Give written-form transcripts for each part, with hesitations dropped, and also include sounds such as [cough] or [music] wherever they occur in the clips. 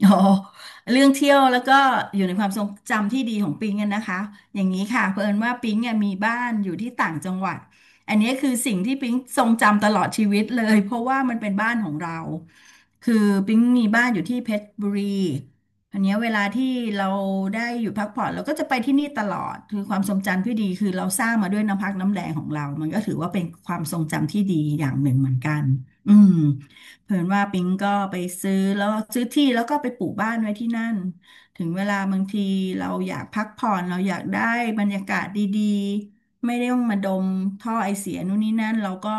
โอ้เรื่องเที่ยวแล้วก็อยู่ในความทรงจำที่ดีของปิงกันนะคะอย่างนี้ค่ะเผอิญว่าปิงเนี่ยมีบ้านอยู่ที่ต่างจังหวัดอันนี้คือสิ่งที่ปิงทรงจำตลอดชีวิตเลยเพราะว่ามันเป็นบ้านของเรา คือปิงมีบ้านอยู่ที่เพชรบุรีอันเนี้ยเวลาที่เราได้อยู่พักผ่อนเราก็จะไปที่นี่ตลอดคือความทรงจำที่ดีคือเราสร้างมาด้วยน้ำพักน้ำแรงของเรามันก็ถือว่าเป็นความทรงจำที่ดีอย่างหนึ่งเหมือนกันอืม เผื่อว่าปิงก็ไปซื้อแล้วซื้อที่แล้วก็ไปปลูกบ้านไว้ที่นั่น ถึงเวลาบางทีเราอยากพักผ่อนเราอยากได้บรรยากาศดีๆ ไม่ได้ต้องมาดมท่อไอเสียนู่นนี่นั่นเราก็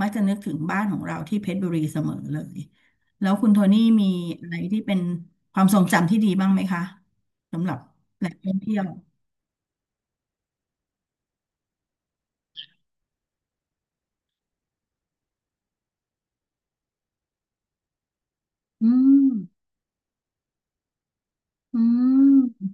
มักจะนึกถึงบ้านของเราที่เพชรบุรีเสมอเลยแล้วคุณโทนี่มีอะไรที่เป็นความทรงจำที่ดีบ้างไหมคะสำหรับแหล่งท่องเที่ยวอืมอืม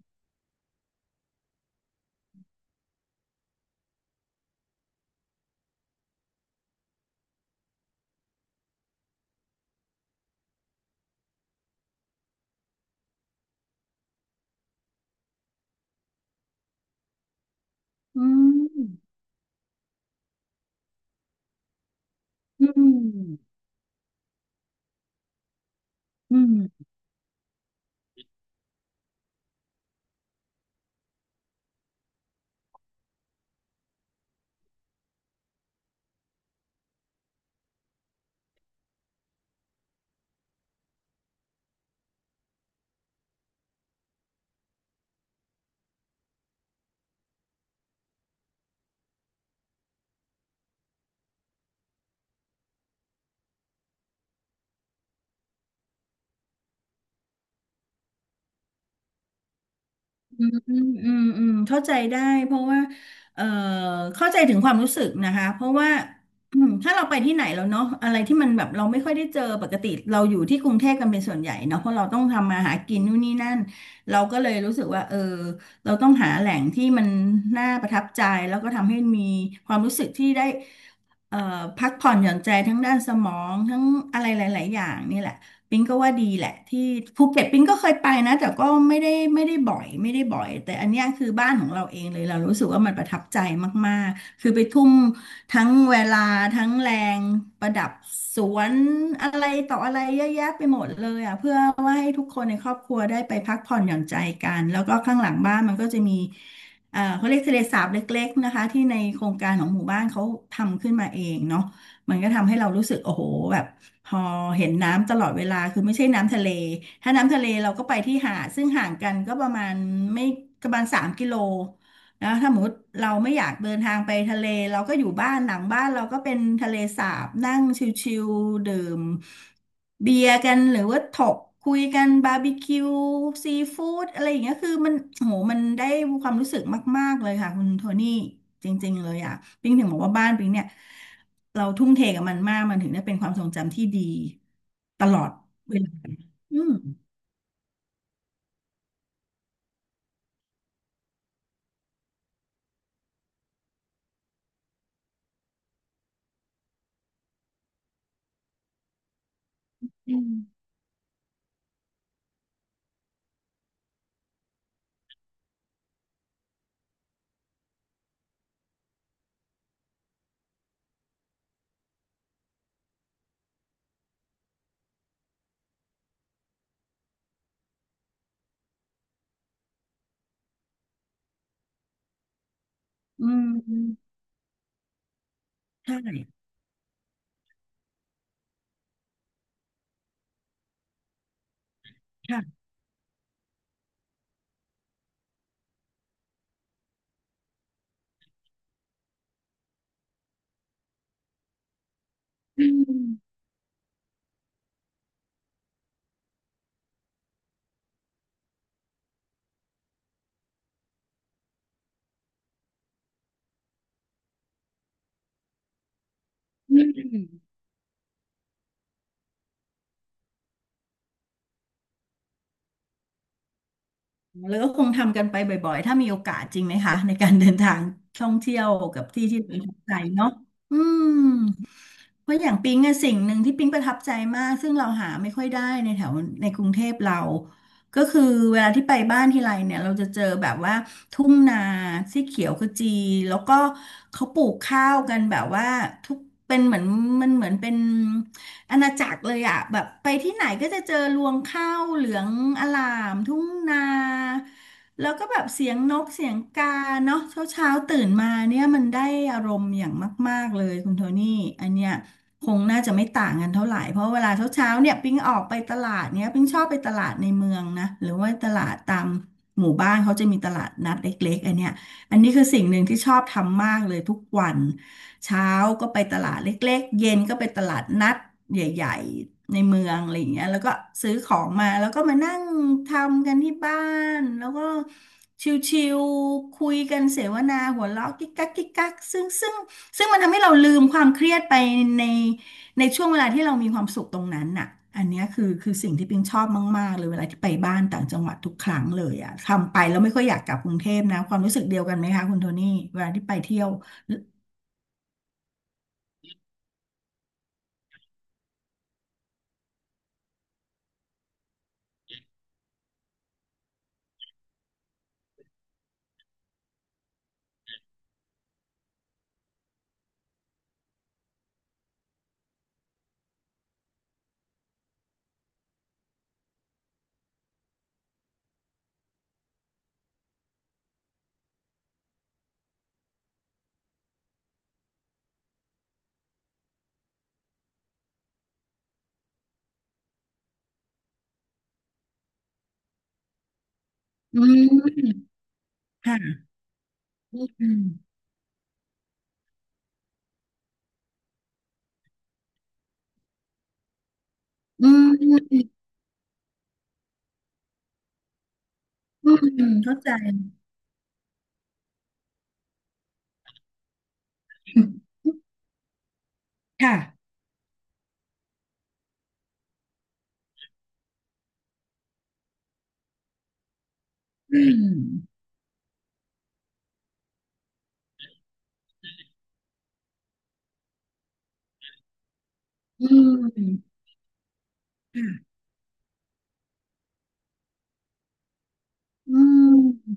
อืมอืมอืม อืมอืมอืมอืมเข้าใจได้เพราะว่าเอ่อเข้าใจถึงความรู้สึกนะคะเพราะว่าอืมถ้าเราไปที่ไหนแล้วเนาะอะไรที่มันแบบเราไม่ค่อยได้เจอปกติเราอยู่ที่กรุงเทพกันเป็นส่วนใหญ่เนาะเพราะเราต้องทำมาหากินนู่นนี่นั่นเราก็เลยรู้สึกว่าเออเราต้องหาแหล่งที่มันน่าประทับใจแล้วก็ทำให้มีความรู้สึกที่ได้เอ่อพักผ่อนหย่อนใจทั้งด้านสมองทั้งอะไรหลายๆอย่างนี่แหละ ปิงก็ว่าดีแหละที่ภูเก็ตปิงก็เคยไปนะแต่ก็ไม่ได้ไม่ได้บ่อยแต่อันเนี้ยคือบ้านของเราเองเลยเรารู้สึกว่ามันประทับใจมากๆคือไปทุ่มทั้งเวลาทั้งแรงประดับสวนอะไรต่ออะไรเยอะแยะไปหมดเลยอ่ะเพื่อว่าให้ทุกคนในครอบครัวได้ไปพักผ่อนหย่อนใจกันแล้วก็ข้างหลังบ้านมันก็จะมีเขาเรียกทะเลสาบเล็กๆนะคะที่ในโครงการของหมู่บ้านเขาทำขึ้นมาเองเนาะมันก็ทำให้เรารู้สึกโอ้โหแบบ พอเห็นน้ำตลอดเวลาคือไม่ใช่น้ำทะเล ถ้าน้ำทะเลเราก็ไปที่หาดซึ่งห่างกันก็ประมาณไม่ประมาณ3 กิโลนะถ้าสมมติเราไม่อยากเดินทางไปทะเลเราก็อยู่บ้านหลังบ้านเราก็เป็นทะเลสาบนั่งชิลๆดื่มเบียร์กันหรือว่าถกคุยกันบาร์บีคิวซีฟู้ดอะไรอย่างเงี้ยคือมันโหมันได้ความรู้สึกมากๆเลยค่ะคุณโทนี่จริงๆเลยอ่ะปิงถึงบอกว่าบ้านปิงเนี่ย เราทุ่มเทกับมันมากมันถึงได้เป็นความทรงจำที่ดีตลอดเวลาอืมอืมอืมใช่ค่ะอืมอืมแล้วก็คงทำกันไปบ่อยๆ ถ้ามีโอกาสจริงไหมคะในการเดินทางท่องเที่ยวกับที่ที่เราประทับใจเนาะอืม เพราะอย่างปิ๊งอะสิ่งหนึ่งที่ปิ๊งประทับใจมากซึ่งเราหาไม่ค่อยได้ในแถวในกรุงเทพเราก็คือเวลาที่ไปบ้านทีไรเนี่ยเราจะเจอแบบว่าทุ่งนาสีเขียวขจีแล้วก็เขาปลูกข้าวกันแบบว่าทุกเป็นเหมือนมันเหมือนเป็นอาณาจักรเลยอะแบบไปที่ไหนก็จะเจอรวงข้าวเหลืองอลามทุ่งนาแล้วก็แบบเสียงนกเสียงกาเนาะเช้าเช้าตื่นมาเนี่ยมันได้อารมณ์อย่างมากๆเลยคุณโทนี่อันเนี้ย คงน่าจะไม่ต่างกันเท่าไหร่ เพราะเวลาเช้าเช้าเนี่ยปิ๊งออกไปตลาดเนี่ยปิ๊งชอบไปตลาดในเมืองนะหรือว่าตลาดตามหมู่บ้านเขาจะมีตลาดนัดเล็กๆอันเนี้ยอันนี้คือสิ่งหนึ่งที่ชอบทำมากเลยทุกวันเช้าก็ไปตลาดเล็กๆเย็นก็ไปตลาดนัดใหญ่ๆในเมืองอะไรอย่างเงี้ยแล้วก็ซื้อของมาแล้วก็มานั่งทำกันที่บ้านแล้วก็ชิวๆคุยกันเสวนาหัวเราะกิ๊กกักกิ๊กกักซึ่ง ซึ่งมันทำให้เราลืมความเครียดไปในในช่วงเวลาที่เรามีความสุขตรงนั้นน่ะอันเนี้ยคือสิ่งที่ปิงชอบมากๆเลยเวลาที่ไปบ้านต่างจังหวัดทุกครั้งเลยอ่ะทำไปแล้วไม่ค่อยอยากกลับกรุงเทพนะความรู้สึกเดียวกันไหมคะคุณโทนี่เวลาที่ไปเที่ยวอืมค่ะอืมอืมอืมอืมเข้าใจค่ะอืมอืมอืม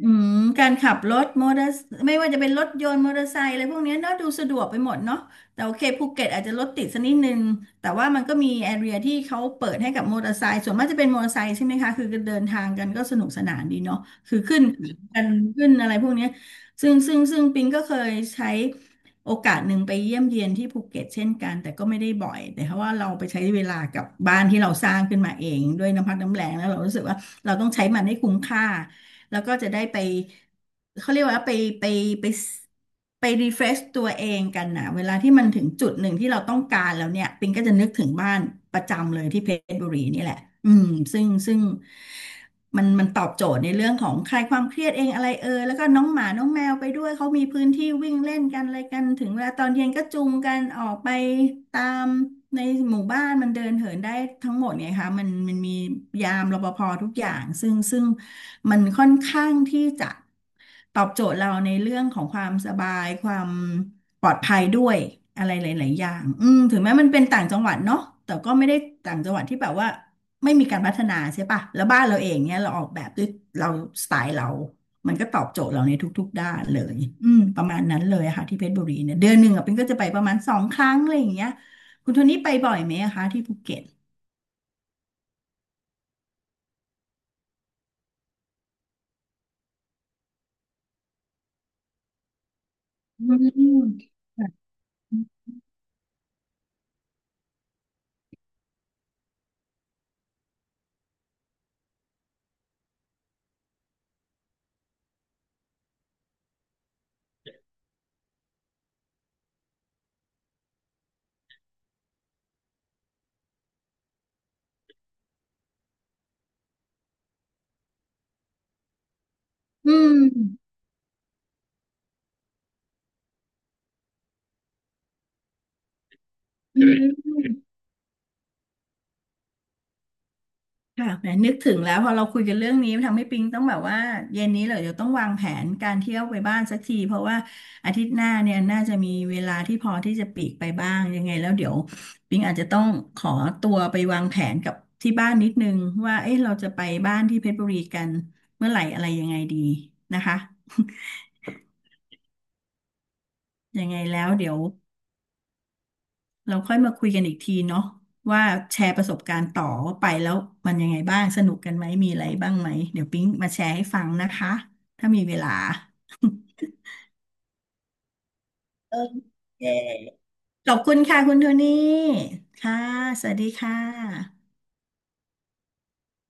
อืมการขับรถมอเตอร์ไม่ว่าจะเป็นรถยนต์มอเตอร์ไซค์อะไรพวกเนี้ยเนาะดูสะดวกไปหมดเนาะแต่โอเคภูเก็ตอาจจะรถติดสักนิดนึงแต่ว่ามันก็มีแอเรียที่เขาเปิดให้กับมอเตอร์ไซค์ส่วนมากจะเป็นมอเตอร์ไซค์ใช่ไหมคะคือเดินทางกันก็สนุกสนานดีเนาะคือขึ้นกันขึ้นอะไรพวกเนี้ยซึ่งปิงก็เคยใช้โอกาสหนึ่งไปเยี่ยมเยียนที่ภูเก็ตเช่นกันแต่ก็ไม่ได้บ่อยแต่เพราะว่าเราไปใช้เวลากับบ้านที่เราสร้างขึ้นมาเองด้วยน้ำพักน้ำแรงแล้วเรารู้สึกว่าเราต้องใช้มันให้คุ้มค่า แล้วก็จะได้ไปเขาเรียกว่าไปไปไปไปรีเฟรชตัวเองกันนะเวลาที่มันถึงจุดหนึ่งที่เราต้องการแล้วเนี่ยปิงก็จะนึกถึงบ้านประจำเลยที่เพชรบุรีนี่แหละอืมซึ่ง มันตอบโจทย์ในเรื่องของคลายความเครียดเองอะไรเอยแล้วก็น้องหมาน้องแมวไปด้วยเขามีพื้นที่วิ่งเล่นกันอะไรกันถึงเวลาตอนเย็นก็จูงกันออกไปตามในหมู่บ้านมันเดินเหินได้ทั้งหมดไงคะมันมียามรปภทุกอย่างซึ่งมันค่อนข้างที่จะตอบโจทย์เราในเรื่องของความสบายความปลอดภัยด้วยอะไรหลายๆอย่างอืมถึงแม้มันเป็นต่างจังหวัดเนาะแต่ก็ไม่ได้ต่างจังหวัดที่แบบว่า ไม่มีการพัฒนาใช่ปะแล้วบ้านเราเองเนี่ยเราออกแบบด้วยเราสไตล์เรา มันก็ตอบโจทย์เราในทุกๆด้านเลยอืมประมาณนั้นเลยอะค่ะที่เพชรบุรีเนี่ยเดือนหนึ่งอะเป็นก็จะไปประมาณ2 ครั้งอะไรอย่างเงี้ยคุณโทนี่ไปบ่อยไหมอะคะที่ภูเก็ตอืมอืมอืม ค่ะแหมนึกถึงแล้วพอเราคุยกันเรื่องนี้ทำให้ปิงต้องแบบว่าเย็นนี้เลยเดี๋ยวต้องวางแผนการเที่ยวไปบ้านสักทีเพราะว่าอาทิตย์หน้าเนี่ยน่าจะมีเวลาที่พอที่จะปลีกไปบ้างยังไงแล้วเดี๋ยวปิงอาจจะต้องขอตัวไปวางแผนกับที่บ้านนิดนึงว่าเอ๊ะเราจะไปบ้านที่เพชรบุรีกันเมื่อไหร่อะไรยังไงดีนะคะ [laughs] ยังไงแล้วเดี๋ยว เราค่อยมาคุยกันอีกทีเนาะว่าแชร์ประสบการณ์ต่อว่าไปแล้วมันยังไงบ้างสนุกกันไหมมีอะไรบ้างไหมเดี๋ยวปิ๊งมาแชร์ให้ฟังนะคะถ้ามีเวลาโอเคขอบคุณค่ะคุณโทนี่ค่ะสวัสดีค่ะ